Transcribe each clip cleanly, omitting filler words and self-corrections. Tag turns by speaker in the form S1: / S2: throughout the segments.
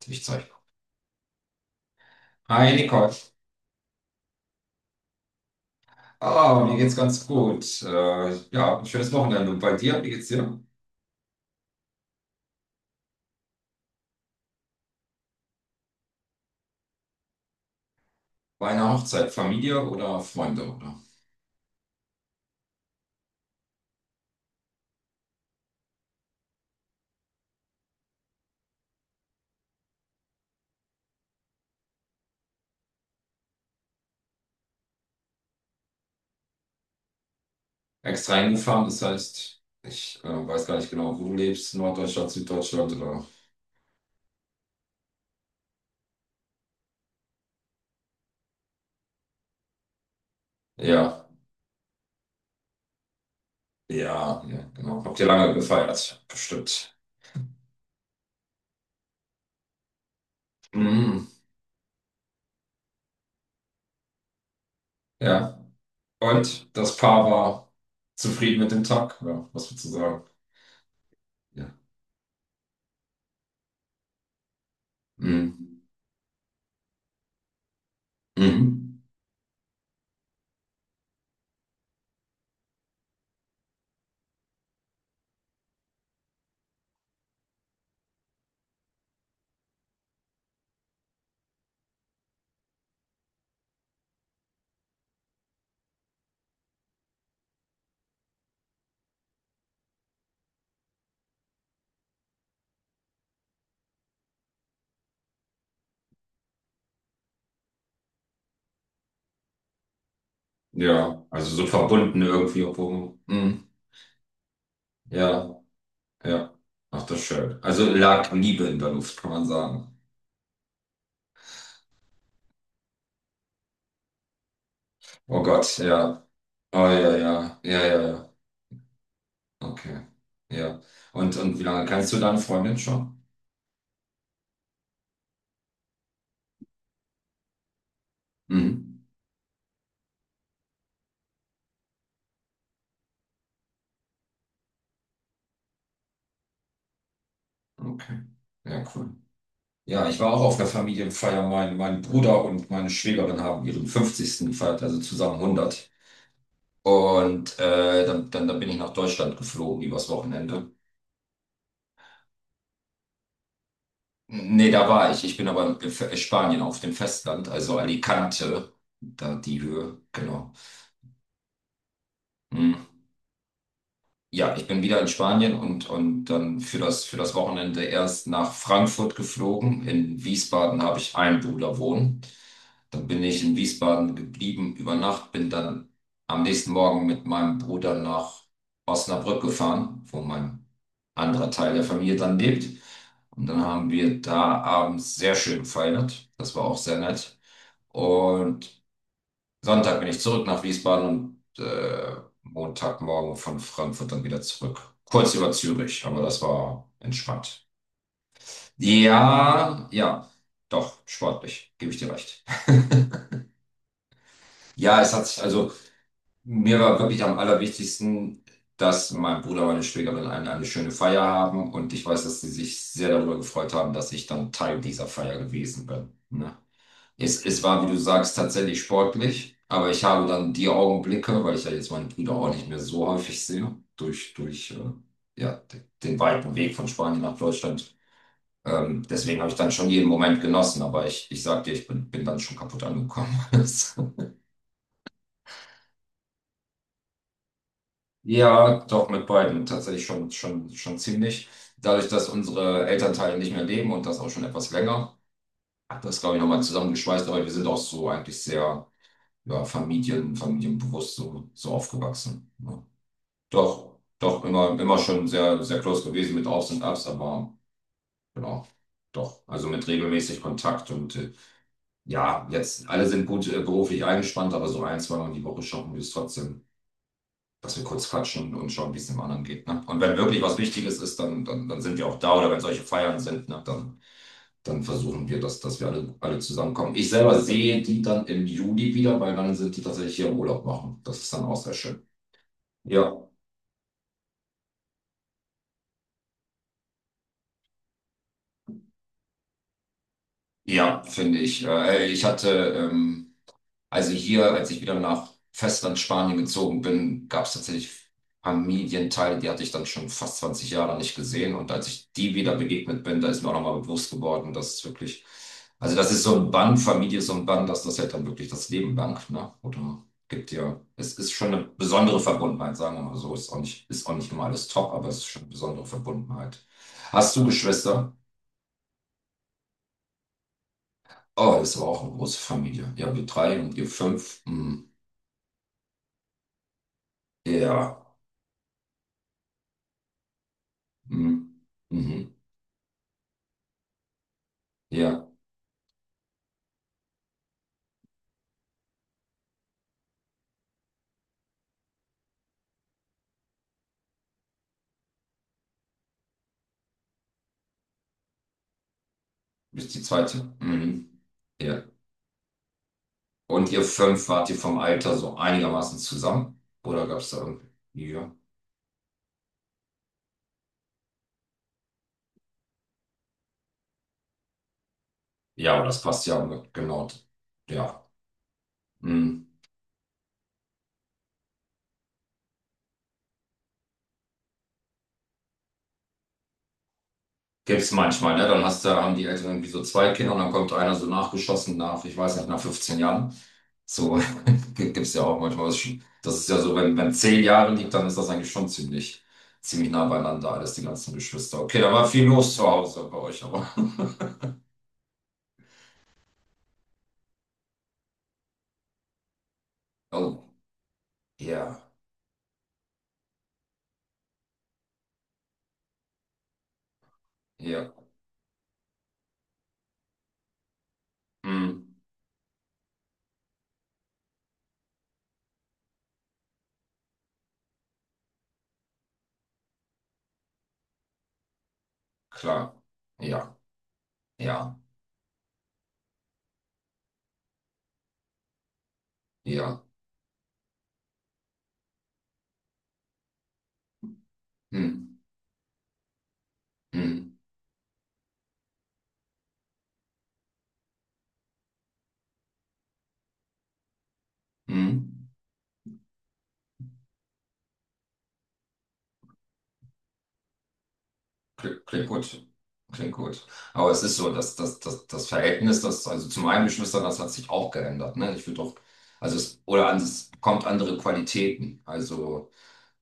S1: Tischzeug. Hi Nicole. Ah, mir geht's ganz gut. Ja, ein schönes Wochenende. Und bei dir, wie geht's dir? Bei einer Hochzeit, Familie oder Freunde, oder? Extra hingefahren, das heißt, ich weiß gar nicht genau, wo du lebst, Norddeutschland, Süddeutschland oder. Ja, ja, ja, genau. Habt ihr lange gefeiert? Bestimmt. Mhm, ja. Und das Paar war zufrieden mit dem Tag, ja, was würdest du sagen? Ja. Mhm. Mhm. Ja, also so verbunden irgendwie, obwohl. Mhm. Ja. Ja, ach, das ist schön. Also lag Liebe in der Luft, kann man sagen. Oh Gott, ja. Oh ja, ja, ja, ja, ja. Okay. Ja. Und wie lange kennst du deine Freundin schon? Mhm. Okay. Ja, cool. Ja, ich war auch auf der Familienfeier. Mein Bruder und meine Schwägerin haben ihren fünfzigsten gefeiert, also zusammen hundert. Und dann bin ich nach Deutschland geflogen übers Wochenende. Nee, da war ich. Ich bin aber in Spanien auf dem Festland, also Alicante, da die Höhe, genau. Hm. Ja, ich bin wieder in Spanien und dann für das Wochenende erst nach Frankfurt geflogen. In Wiesbaden habe ich einen Bruder wohnen. Dann bin ich in Wiesbaden geblieben über Nacht, bin dann am nächsten Morgen mit meinem Bruder nach Osnabrück gefahren, wo mein anderer Teil der Familie dann lebt. Und dann haben wir da abends sehr schön gefeiert. Das war auch sehr nett. Und Sonntag bin ich zurück nach Wiesbaden und Montagmorgen von Frankfurt dann wieder zurück. Kurz über Zürich, aber das war entspannt. Ja, ja, doch, sportlich, gebe ich dir recht. Ja, es hat sich, also mir war wirklich am allerwichtigsten, dass mein Bruder und meine Schwägerin eine schöne Feier haben und ich weiß, dass sie sich sehr darüber gefreut haben, dass ich dann Teil dieser Feier gewesen bin. Ne? Es war, wie du sagst, tatsächlich sportlich, aber ich habe dann die Augenblicke, weil ich ja jetzt meine Brüder auch nicht mehr so häufig sehe, durch den weiten Weg von Spanien nach Deutschland. Deswegen habe ich dann schon jeden Moment genossen, aber ich sag dir, ich bin dann schon kaputt angekommen. Ja, doch mit beiden tatsächlich schon, schon, schon ziemlich. Dadurch, dass unsere Elternteile nicht mehr leben und das auch schon etwas länger, hat das, glaube ich, nochmal zusammengeschweißt, aber wir sind auch so eigentlich sehr. Ja, Familien, familienbewusst so, so aufgewachsen. Ja. Doch, doch, immer, immer schon sehr, sehr close gewesen mit Aufs und Abs, aber genau, doch. Also mit regelmäßig Kontakt und ja, jetzt alle sind gut beruflich eingespannt, aber so ein, zweimal die Woche schaffen wir es trotzdem, dass wir kurz quatschen und schauen, wie es dem anderen geht. Ne? Und wenn wirklich was Wichtiges ist, dann sind wir auch da oder wenn solche Feiern sind, ne, dann, dann versuchen wir, dass wir alle, alle zusammenkommen. Ich selber sehe die dann im Juli wieder, weil dann sind die tatsächlich hier im Urlaub machen. Das ist dann auch sehr schön. Ja, ja, finde ich. Hey, ähm, also hier, als ich wieder nach Festland Spanien gezogen bin, gab es tatsächlich Familienteile, die hatte ich dann schon fast 20 Jahre nicht gesehen. Und als ich die wieder begegnet bin, da ist mir auch nochmal bewusst geworden, dass es wirklich, also das ist so ein Band, Familie ist so ein Band, dass das halt dann wirklich das Leben lang, ne? Oder gibt ja, es ist schon eine besondere Verbundenheit, sagen wir mal so. Ist auch nicht immer alles top, aber es ist schon eine besondere Verbundenheit. Hast du Geschwister? Oh, es war auch eine große Familie. Ja, wir drei und ihr fünf. Mhm. Ja. Mhm. Mhm. Ja. Du bist die zweite. Mhm. Ja. Und ihr fünf wart ihr vom Alter so einigermaßen zusammen? Oder gab es da irgendwie? Ja. Ja, aber das passt ja genau. Ja. Mhm. Gibt's manchmal, ne? Dann hast du, haben die Eltern irgendwie so zwei Kinder und dann kommt einer so nachgeschossen nach, ich weiß nicht, nach 15 Jahren. So gibt es ja auch manchmal. Das ist schon- das ist ja so, wenn, wenn zehn Jahre liegt, dann ist das eigentlich schon ziemlich, ziemlich nah beieinander, alles die ganzen Geschwister. Okay, da war viel los zu Hause bei euch, aber. Oh, ja, ja, mm, klar, ja, ja, ja, mm, mm, mm. Klingt, klingt gut. Klingt gut. Aber es ist so, dass das, das Verhältnis, das, also zu meinen Geschwistern, das hat sich auch geändert. Ne? Ich würde doch, also es, oder an, es kommt andere Qualitäten. Also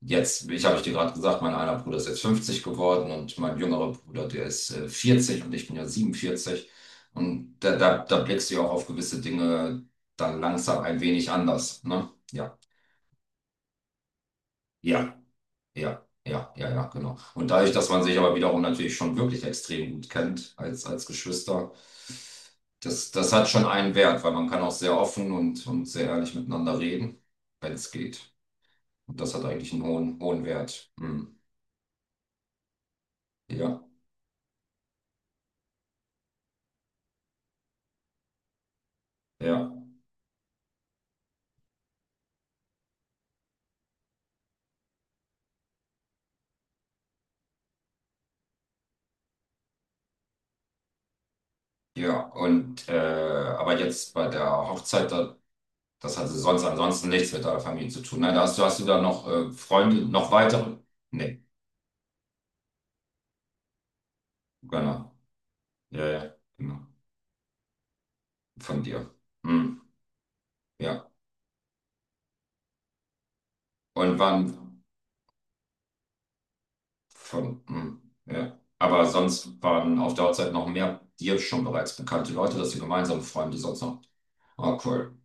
S1: jetzt, ich habe ich dir gerade gesagt, mein einer Bruder ist jetzt 50 geworden und mein jüngerer Bruder, der ist 40 und ich bin ja 47. Und da blickst du ja auch auf gewisse Dinge dann langsam ein wenig anders. Ne? Ja. Ja. Ja, ja, ja, ja, genau. Und dadurch, dass man sich aber wiederum natürlich schon wirklich extrem gut kennt als, als Geschwister, das hat schon einen Wert, weil man kann auch sehr offen und sehr ehrlich miteinander reden, wenn es geht. Und das hat eigentlich einen hohen, hohen Wert. Hm. Ja, ja, ja. Aber jetzt bei der Hochzeit, da, das hatte sonst ansonsten nichts mit deiner Familie zu tun. Nein, da hast du, hast du da noch Freunde, noch weitere? Nee, genau. Ja, ja, genau. Von dir. Hm. Ja. Und waren von, hm, ja. Aber sonst waren auf der Hochzeit noch mehr dir schon bereits bekannte Leute, dass sie gemeinsame Freunde sonst noch. Oh, cool.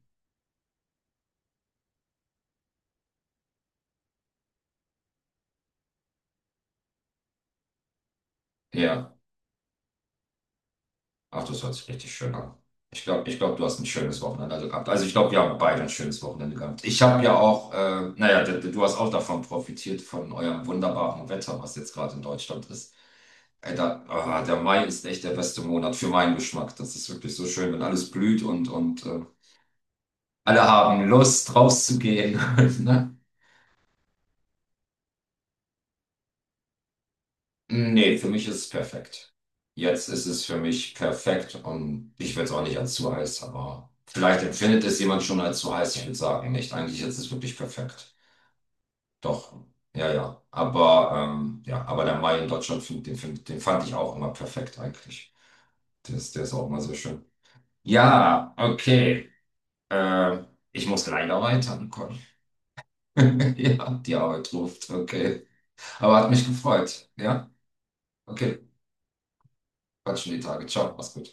S1: Ja. Ach, das hört sich richtig schön an. Ich glaube, ich glaub, du hast ein schönes Wochenende gehabt. Also ich glaube, wir haben beide ein schönes Wochenende gehabt. Ich habe ja auch, naja, du hast auch davon profitiert, von eurem wunderbaren Wetter, was jetzt gerade in Deutschland ist. Ey, da, ah, der Mai ist echt der beste Monat für meinen Geschmack. Das ist wirklich so schön, wenn alles blüht und alle haben Lust, rauszugehen. Ne? Nee, für mich ist es perfekt. Jetzt ist es für mich perfekt und ich will es auch nicht als zu heiß, aber vielleicht empfindet es jemand schon als zu heiß. Ich würde sagen, nicht. Eigentlich ist es wirklich perfekt. Doch, ja, ja. Aber der Mai in Deutschland, find- den fand ich auch immer perfekt eigentlich. Der ist auch immer sehr schön. Ja, okay. Ähm, Ich muss leider weiter, Nicole. Ja, die Arbeit ruft. Okay. Aber hat mich gefreut. Ja. Okay, quatschen die Tage. Ciao, mach's gut.